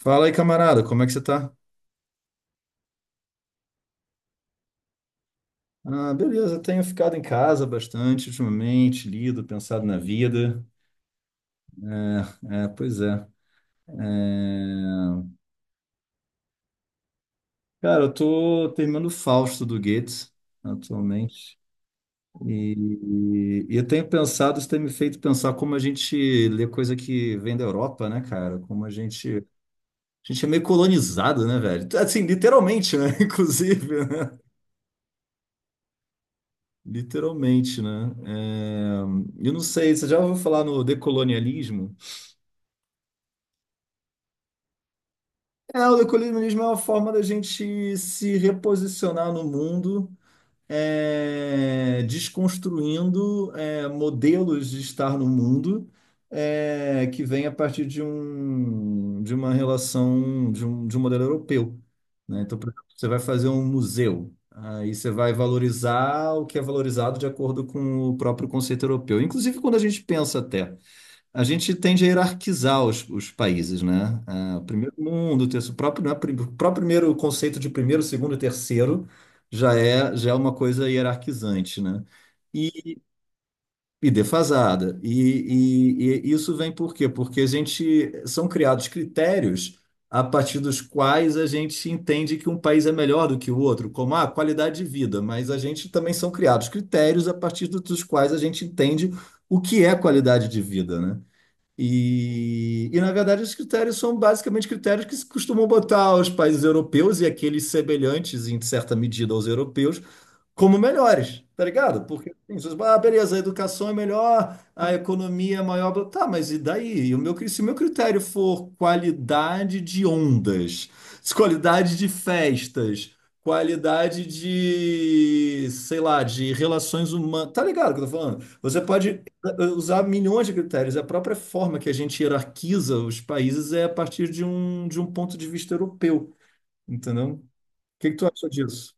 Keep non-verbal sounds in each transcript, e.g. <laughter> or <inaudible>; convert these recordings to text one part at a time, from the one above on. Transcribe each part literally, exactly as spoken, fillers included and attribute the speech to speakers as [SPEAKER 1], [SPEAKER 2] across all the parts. [SPEAKER 1] Fala aí, camarada, como é que você tá? Ah, beleza, tenho ficado em casa bastante ultimamente, lido, pensado na vida. É, pois é. É, Cara, eu tô terminando o Fausto do Goethe atualmente. E, e eu tenho pensado, isso tem me feito pensar como a gente lê coisa que vem da Europa, né, cara? Como a gente, a gente é meio colonizado, né, velho? Assim, literalmente, né? <laughs> Inclusive, né? Literalmente, né? É, Eu não sei, você já ouviu falar no decolonialismo? É, o equilibrianismo é uma forma da gente se reposicionar no mundo, é, desconstruindo, é, modelos de estar no mundo, é, que vem a partir de um, de uma relação, de um, de um modelo europeu, né? Então, por exemplo, você vai fazer um museu, aí você vai valorizar o que é valorizado de acordo com o próprio conceito europeu. Inclusive, quando a gente pensa até. A gente tende a hierarquizar os, os países, né? Ah, o primeiro mundo, o terceiro, o próprio, né, prim- o próprio primeiro conceito de primeiro, segundo e terceiro já é, já é uma coisa hierarquizante, né? E, e defasada. E, e- e isso vem por quê? Porque a gente são criados critérios a partir dos quais a gente entende que um país é melhor do que o outro, como a qualidade de vida, mas a gente também são criados critérios a partir do- dos quais a gente entende o que é qualidade de vida, né? E, e, na verdade, os critérios são basicamente critérios que se costumam botar aos países europeus e aqueles semelhantes, em certa medida, aos europeus, como melhores, tá ligado? Porque assim, vocês, falam, ah, beleza, a educação é melhor, a economia é maior, blá- tá, mas e daí? E o meu, cri- se o meu critério for qualidade de ondas, se qualidade de festas, qualidade de, sei lá, de relações humanas, tá ligado o que eu tô falando? Você pode eh, usar milhões de critérios, a própria forma que a gente hierarquiza os países é a partir de um, de um ponto de vista europeu, entendeu? O que que tu achou disso?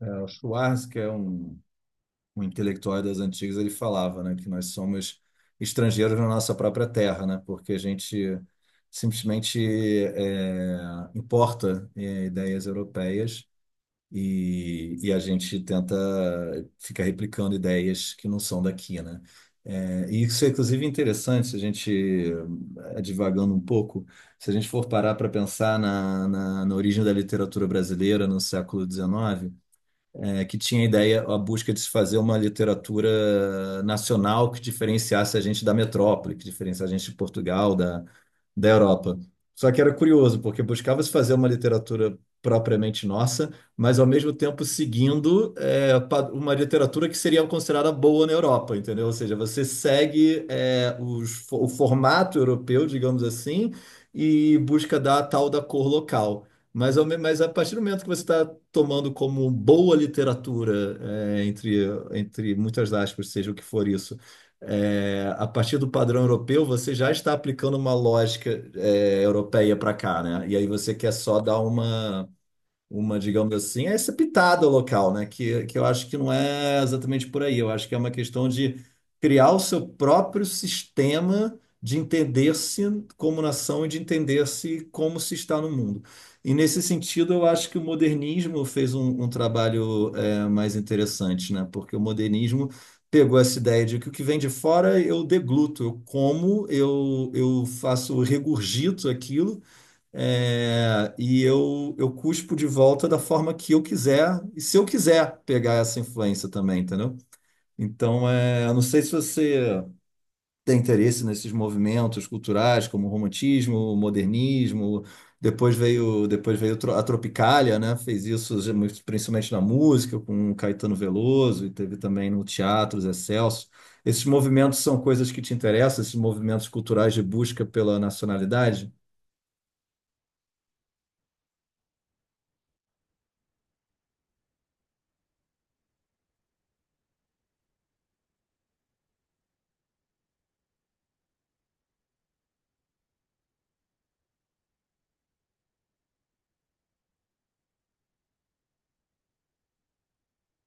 [SPEAKER 1] É, o Schwarz, que é um um intelectual das antigas, ele falava, né, que nós somos estrangeiros na nossa própria terra, né, porque a gente simplesmente é, importa é, ideias europeias e, e a gente tenta ficar replicando ideias que não são daqui, né. É, e isso é inclusive é interessante, se a gente, eh, divagando um pouco, se a gente for parar para pensar na, na, na origem da literatura brasileira no século dezenove, é, que tinha a ideia, a busca de se fazer uma literatura nacional que diferenciasse a gente da metrópole, que diferenciasse a gente de Portugal, da, da Europa. Só que era curioso, porque buscava-se fazer uma literatura propriamente nossa, mas ao mesmo tempo seguindo é, pa- uma literatura que seria considerada boa na Europa, entendeu? Ou seja, você segue é, os fo- o formato europeu, digamos assim, e busca dar a tal da cor local. Mas, ao me- mas a partir do momento que você está tomando como boa literatura, é, entre, entre muitas aspas, seja o que for isso, é, a partir do padrão europeu, você já está aplicando uma lógica, é, europeia para cá, né? E aí você quer só dar uma, uma, digamos assim, é essa pitada local, né? Que, que eu acho que não é exatamente por aí. Eu acho que é uma questão de criar o seu próprio sistema de entender-se como nação e de entender-se como se está no mundo. E nesse sentido, eu acho que o modernismo fez um, um trabalho é, mais interessante, né? Porque o modernismo pegou essa ideia de que o que vem de fora eu degluto, eu como, eu, eu faço, eu regurgito aquilo é, e eu, eu cuspo de volta da forma que eu quiser, e se eu quiser pegar essa influência também, entendeu? Então, é, eu não sei se você tem interesse nesses movimentos culturais, como o romantismo, o modernismo, depois veio, depois veio tro- a Tropicália, né? Fez isso principalmente na música, com o Caetano Veloso, e teve também no teatro, Zé Celso. Esses movimentos são coisas que te interessam, esses movimentos culturais de busca pela nacionalidade?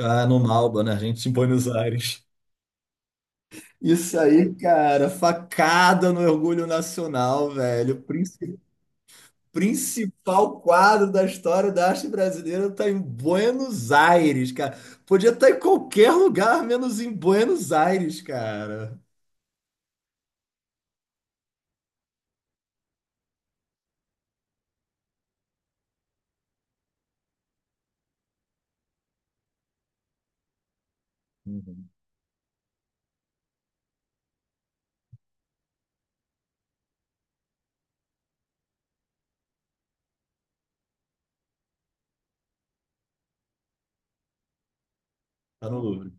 [SPEAKER 1] Ah, no Malba, na Argentina, em Buenos Aires. Isso aí, cara, facada no orgulho nacional, velho. Princi- Principal quadro da história da arte brasileira tá em Buenos Aires, cara. Podia estar em qualquer lugar, menos em Buenos Aires, cara. Uhum. Tá no Louvre.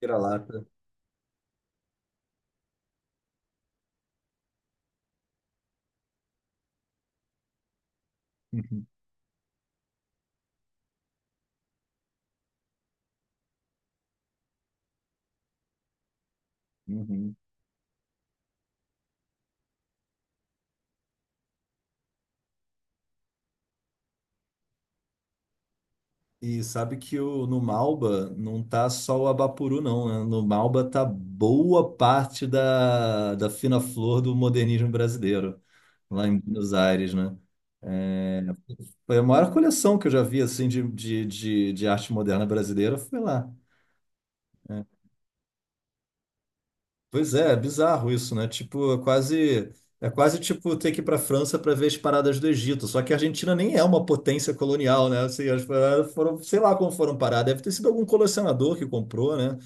[SPEAKER 1] Vira-lata. Uhum. Uhum. E sabe que o, no Malba não tá só o Abapuru, não, né? No Malba tá boa parte da, da fina flor do modernismo brasileiro, lá em Buenos Aires, né? É, foi a maior coleção que eu já vi, assim, de, de, de, de arte moderna brasileira, foi lá. Pois é, é bizarro isso, né? Tipo, é quase, é quase tipo ter que ir pra França para ver as paradas do Egito, só que a Argentina nem é uma potência colonial, né? Assim, as paradas foram, sei lá como foram parar, deve ter sido algum colecionador que comprou, né?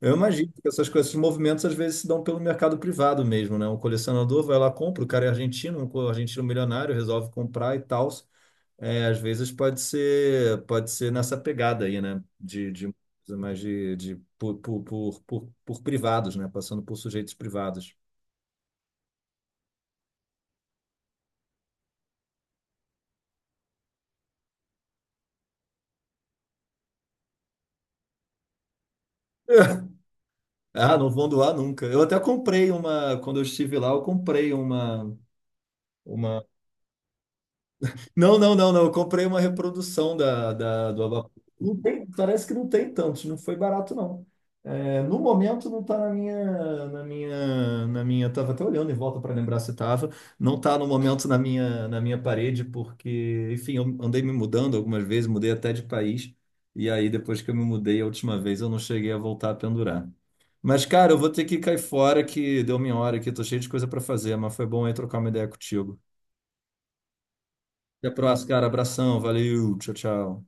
[SPEAKER 1] Eu imagino que essas coisas, esses movimentos às vezes se dão pelo mercado privado mesmo, né? Um colecionador vai lá, compra, o cara é argentino, um co- argentino milionário, resolve comprar e tal. É, às vezes pode ser, pode ser nessa pegada aí, né? De, de coisa mais de, de por, por, por, por, por privados, né? Passando por sujeitos privados. <laughs> Ah, não vão doar nunca. Eu até comprei uma, quando eu estive lá, eu comprei uma uma, Não, não, não, não. Eu comprei uma reprodução da, da, do Abapoxi. Não tem, parece que não tem tantos, não foi barato, não. É, no momento não tá na minha, na minha, na minha. Tava até olhando em volta para lembrar se tava. Não tá no momento na minha, na minha parede, porque, enfim, eu andei me mudando algumas vezes, mudei até de país. E aí, depois que eu me mudei a última vez, eu não cheguei a voltar a pendurar. Mas, cara, eu vou ter que cair fora que deu minha hora aqui, tô cheio de coisa para fazer, mas foi bom aí trocar uma ideia contigo. Até a próxima, cara. Abração, valeu, tchau, tchau.